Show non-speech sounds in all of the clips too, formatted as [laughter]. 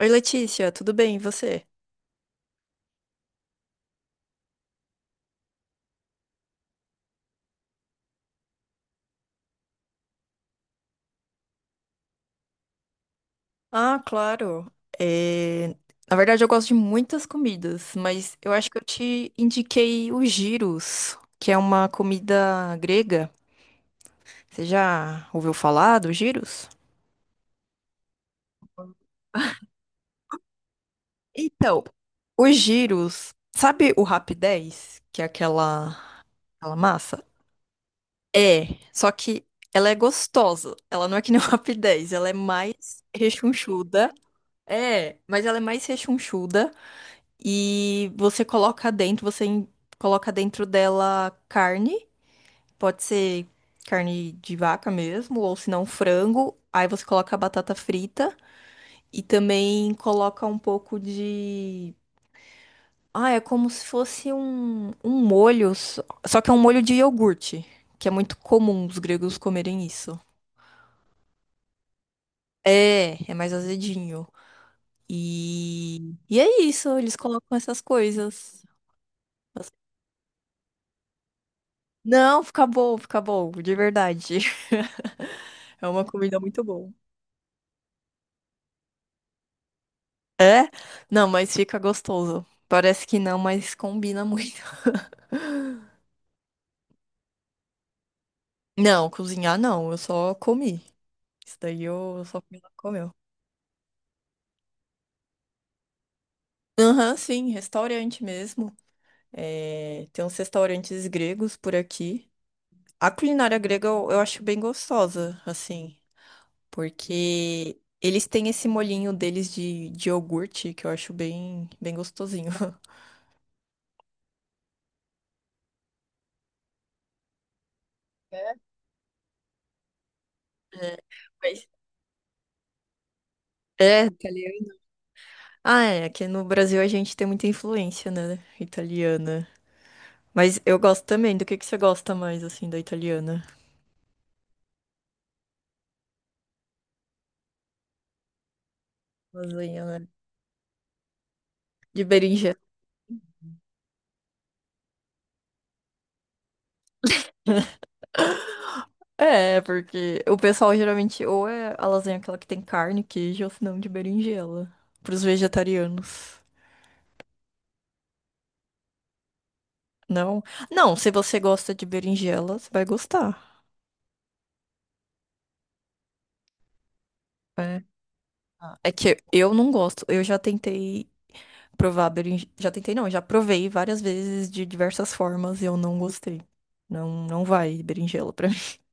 Oi, Letícia, tudo bem? E você? Ah, claro. É, Na verdade, eu gosto de muitas comidas, mas eu acho que eu te indiquei o gyros, que é uma comida grega. Você já ouviu falar do gyros? Então, o gyros, sabe o rap 10, que é aquela massa? É, só que ela é gostosa. Ela não é que nem o [laughs] rap 10, ela é mais rechonchuda. É, mas ela é mais rechonchuda. E você coloca dentro, coloca dentro dela carne, pode ser carne de vaca mesmo, ou se não frango. Aí você coloca a batata frita e também coloca um pouco de. Ah, é como se fosse um molho, só que é um molho de iogurte, que é muito comum os gregos comerem isso. É, é mais azedinho. E é isso, eles colocam essas coisas. Não, fica bom, de verdade. [laughs] É uma comida muito boa. É? Não, mas fica gostoso. Parece que não, mas combina [laughs] muito. Não, cozinhar não, eu só comi. Isso daí eu só fui lá e comeu. Aham, sim, restaurante mesmo. É, tem uns restaurantes gregos por aqui. A culinária grega eu acho bem gostosa, assim, porque eles têm esse molhinho deles de iogurte que eu acho bem, bem gostosinho. [laughs] É, mas- é, italiano. Ah, é, aqui no Brasil a gente tem muita influência, né, italiana. Mas eu gosto também. Do que você gosta mais, assim, da italiana? Lasanha, né? De berinjela. É, porque o pessoal geralmente ou é a lasanha aquela que tem carne, queijo, ou se não de berinjela. Pros vegetarianos. Não? Não, se você gosta de berinjela, você vai gostar. É. Ah, é que eu não gosto. Eu já tentei já tentei não, já provei várias vezes de diversas formas e eu não gostei. Não, não vai berinjela pra mim. [laughs]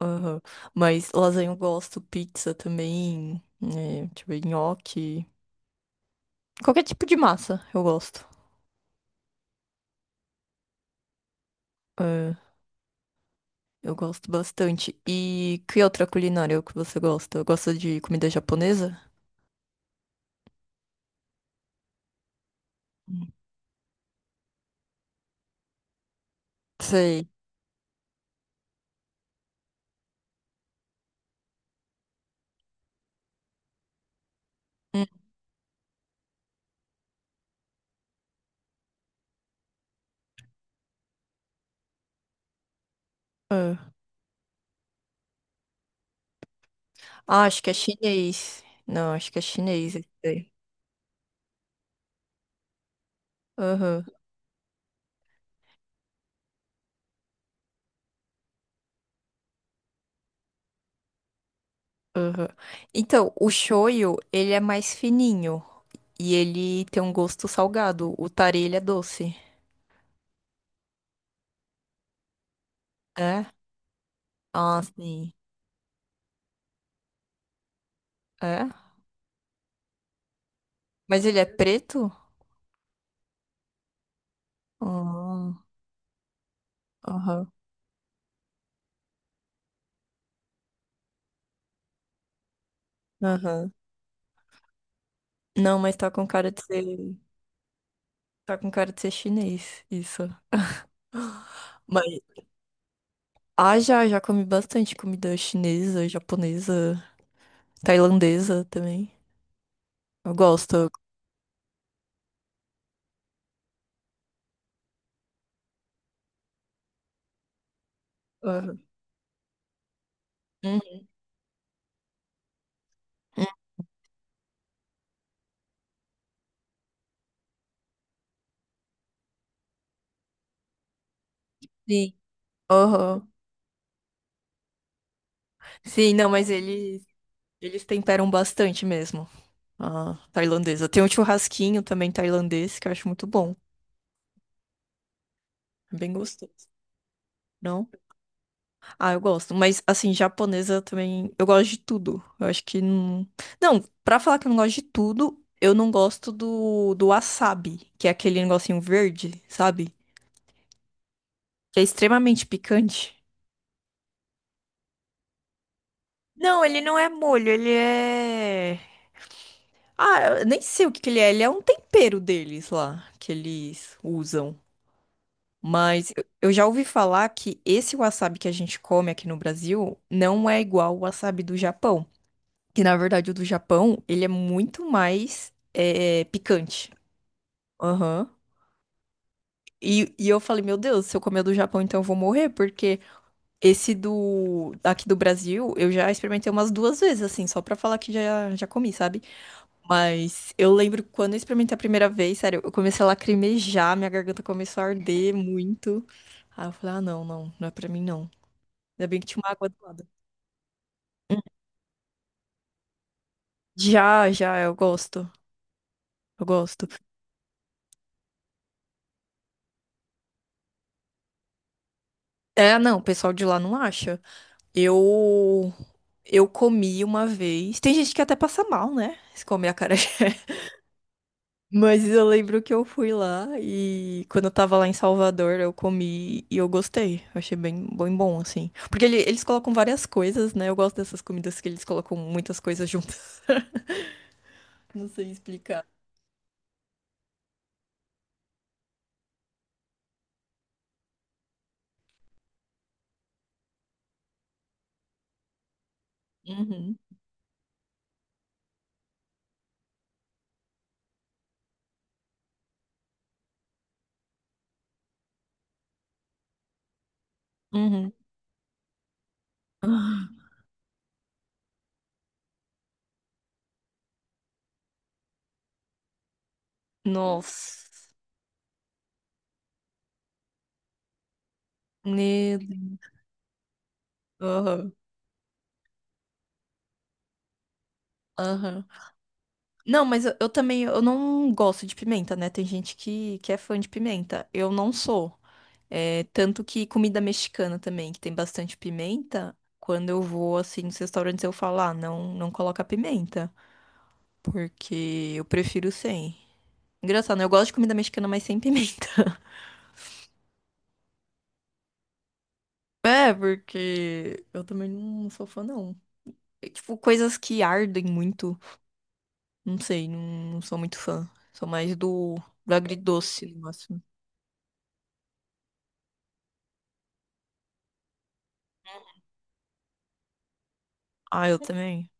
Aham. Mas lasanha eu gosto, pizza também, né, deixa eu ver, nhoque, qualquer tipo de massa eu gosto. É, eu gosto bastante. E que outra culinária que você gosta? Eu gosto de comida japonesa? Hum. Sei. Hum, é. Ah, acho que é chinês. Não, acho que é chinês esse daí. Aham. Aham. Então, o shoyu, ele é mais fininho e ele tem um gosto salgado. O tare, ele é doce. É? Ah, sim. É? Mas ele é preto? Ah, Aham. Aham. Não, mas tá com cara de ser chinês, isso. Mas, ah, já, já comi bastante comida chinesa, japonesa, tailandesa também. Eu gosto. Aham. Uhum. Sim. Aham. Sim, não, mas eles temperam bastante mesmo. Ah, tailandesa. Tem um churrasquinho também tailandês que eu acho muito bom. É. Bem gostoso, não? Ah, eu gosto. Mas, assim, japonesa também. Eu gosto de tudo. Eu acho que não. Não, pra falar que eu não gosto de tudo, eu não gosto do wasabi, que é aquele negocinho verde, sabe? Que é extremamente picante. Não, ele não é molho, ele é. Ah, eu nem sei o que que ele é. Ele é um tempero deles lá, que eles usam. Mas eu já ouvi falar que esse wasabi que a gente come aqui no Brasil não é igual o wasabi do Japão. Que na verdade o do Japão, ele é muito mais picante. Aham. E eu falei, meu Deus, se eu comer o do Japão, então eu vou morrer, porque esse do aqui do Brasil, eu já experimentei umas duas vezes, assim, só pra falar que já, já comi, sabe? Mas eu lembro quando eu experimentei a primeira vez, sério, eu comecei a lacrimejar, minha garganta começou a arder muito. Aí eu falei, ah, não, não, não é pra mim, não. Ainda bem que tinha uma água do lado. Já, já, eu gosto. Eu gosto. É, não, o pessoal de lá não acha. Eu. Eu comi uma vez. Tem gente que até passa mal, né? Se comer acarajé. [laughs] Mas eu lembro que eu fui lá e quando eu tava lá em Salvador, eu comi e eu gostei. Eu achei bem, bem bom, assim. Porque eles colocam várias coisas, né? Eu gosto dessas comidas que eles colocam muitas coisas juntas. [laughs] Não sei explicar. Uhum. Uhum. [gasps] Ah, nossa. Meu Deus. Aham. Não, mas eu também, eu não gosto de pimenta, né? Tem gente que é fã de pimenta. Eu não sou. É, tanto que comida mexicana também, que tem bastante pimenta, quando eu vou, assim, nos restaurantes, eu falo, ah, não, não coloca pimenta, porque eu prefiro sem. Engraçado, né? Eu gosto de comida mexicana, mas sem pimenta. [laughs] É, porque eu também não sou fã, não. É, tipo, coisas que ardem muito, não sei, não, não sou muito fã. Sou mais do agridoce, no máximo. Ah, eu também.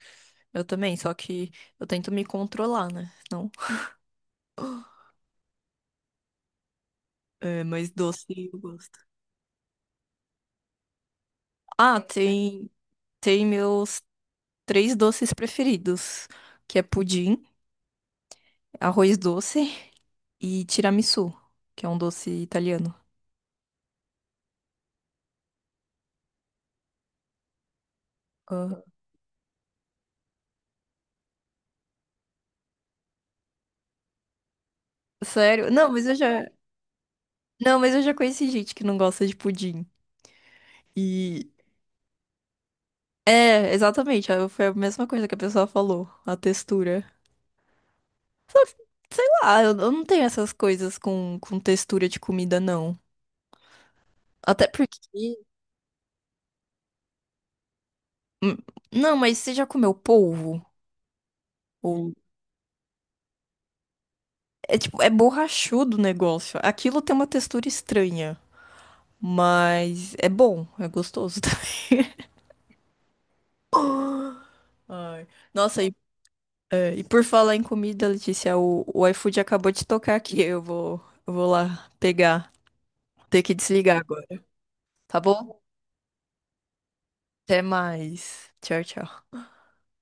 Eu também, só que eu tento me controlar, né? Não. [gasps] É, mas doce eu gosto. Ah, tem meus três doces preferidos, que é pudim, arroz doce e tiramisu, que é um doce italiano. Ah, sério? Não, mas eu já conheci gente que não gosta de pudim. E é, exatamente, ah, foi a mesma coisa que a pessoa falou, a textura. Só que, sei lá, eu não tenho essas coisas com textura de comida, não. Até porque hum, não, mas você já comeu polvo? Ou... É tipo, é borrachudo o negócio. Aquilo tem uma textura estranha, mas é bom, é gostoso. [laughs] Ai. Nossa, e por falar em comida, Letícia, o iFood acabou de tocar aqui. Eu vou lá pegar. Ter que desligar agora. Tá bom? Até mais. Tchau, tchau.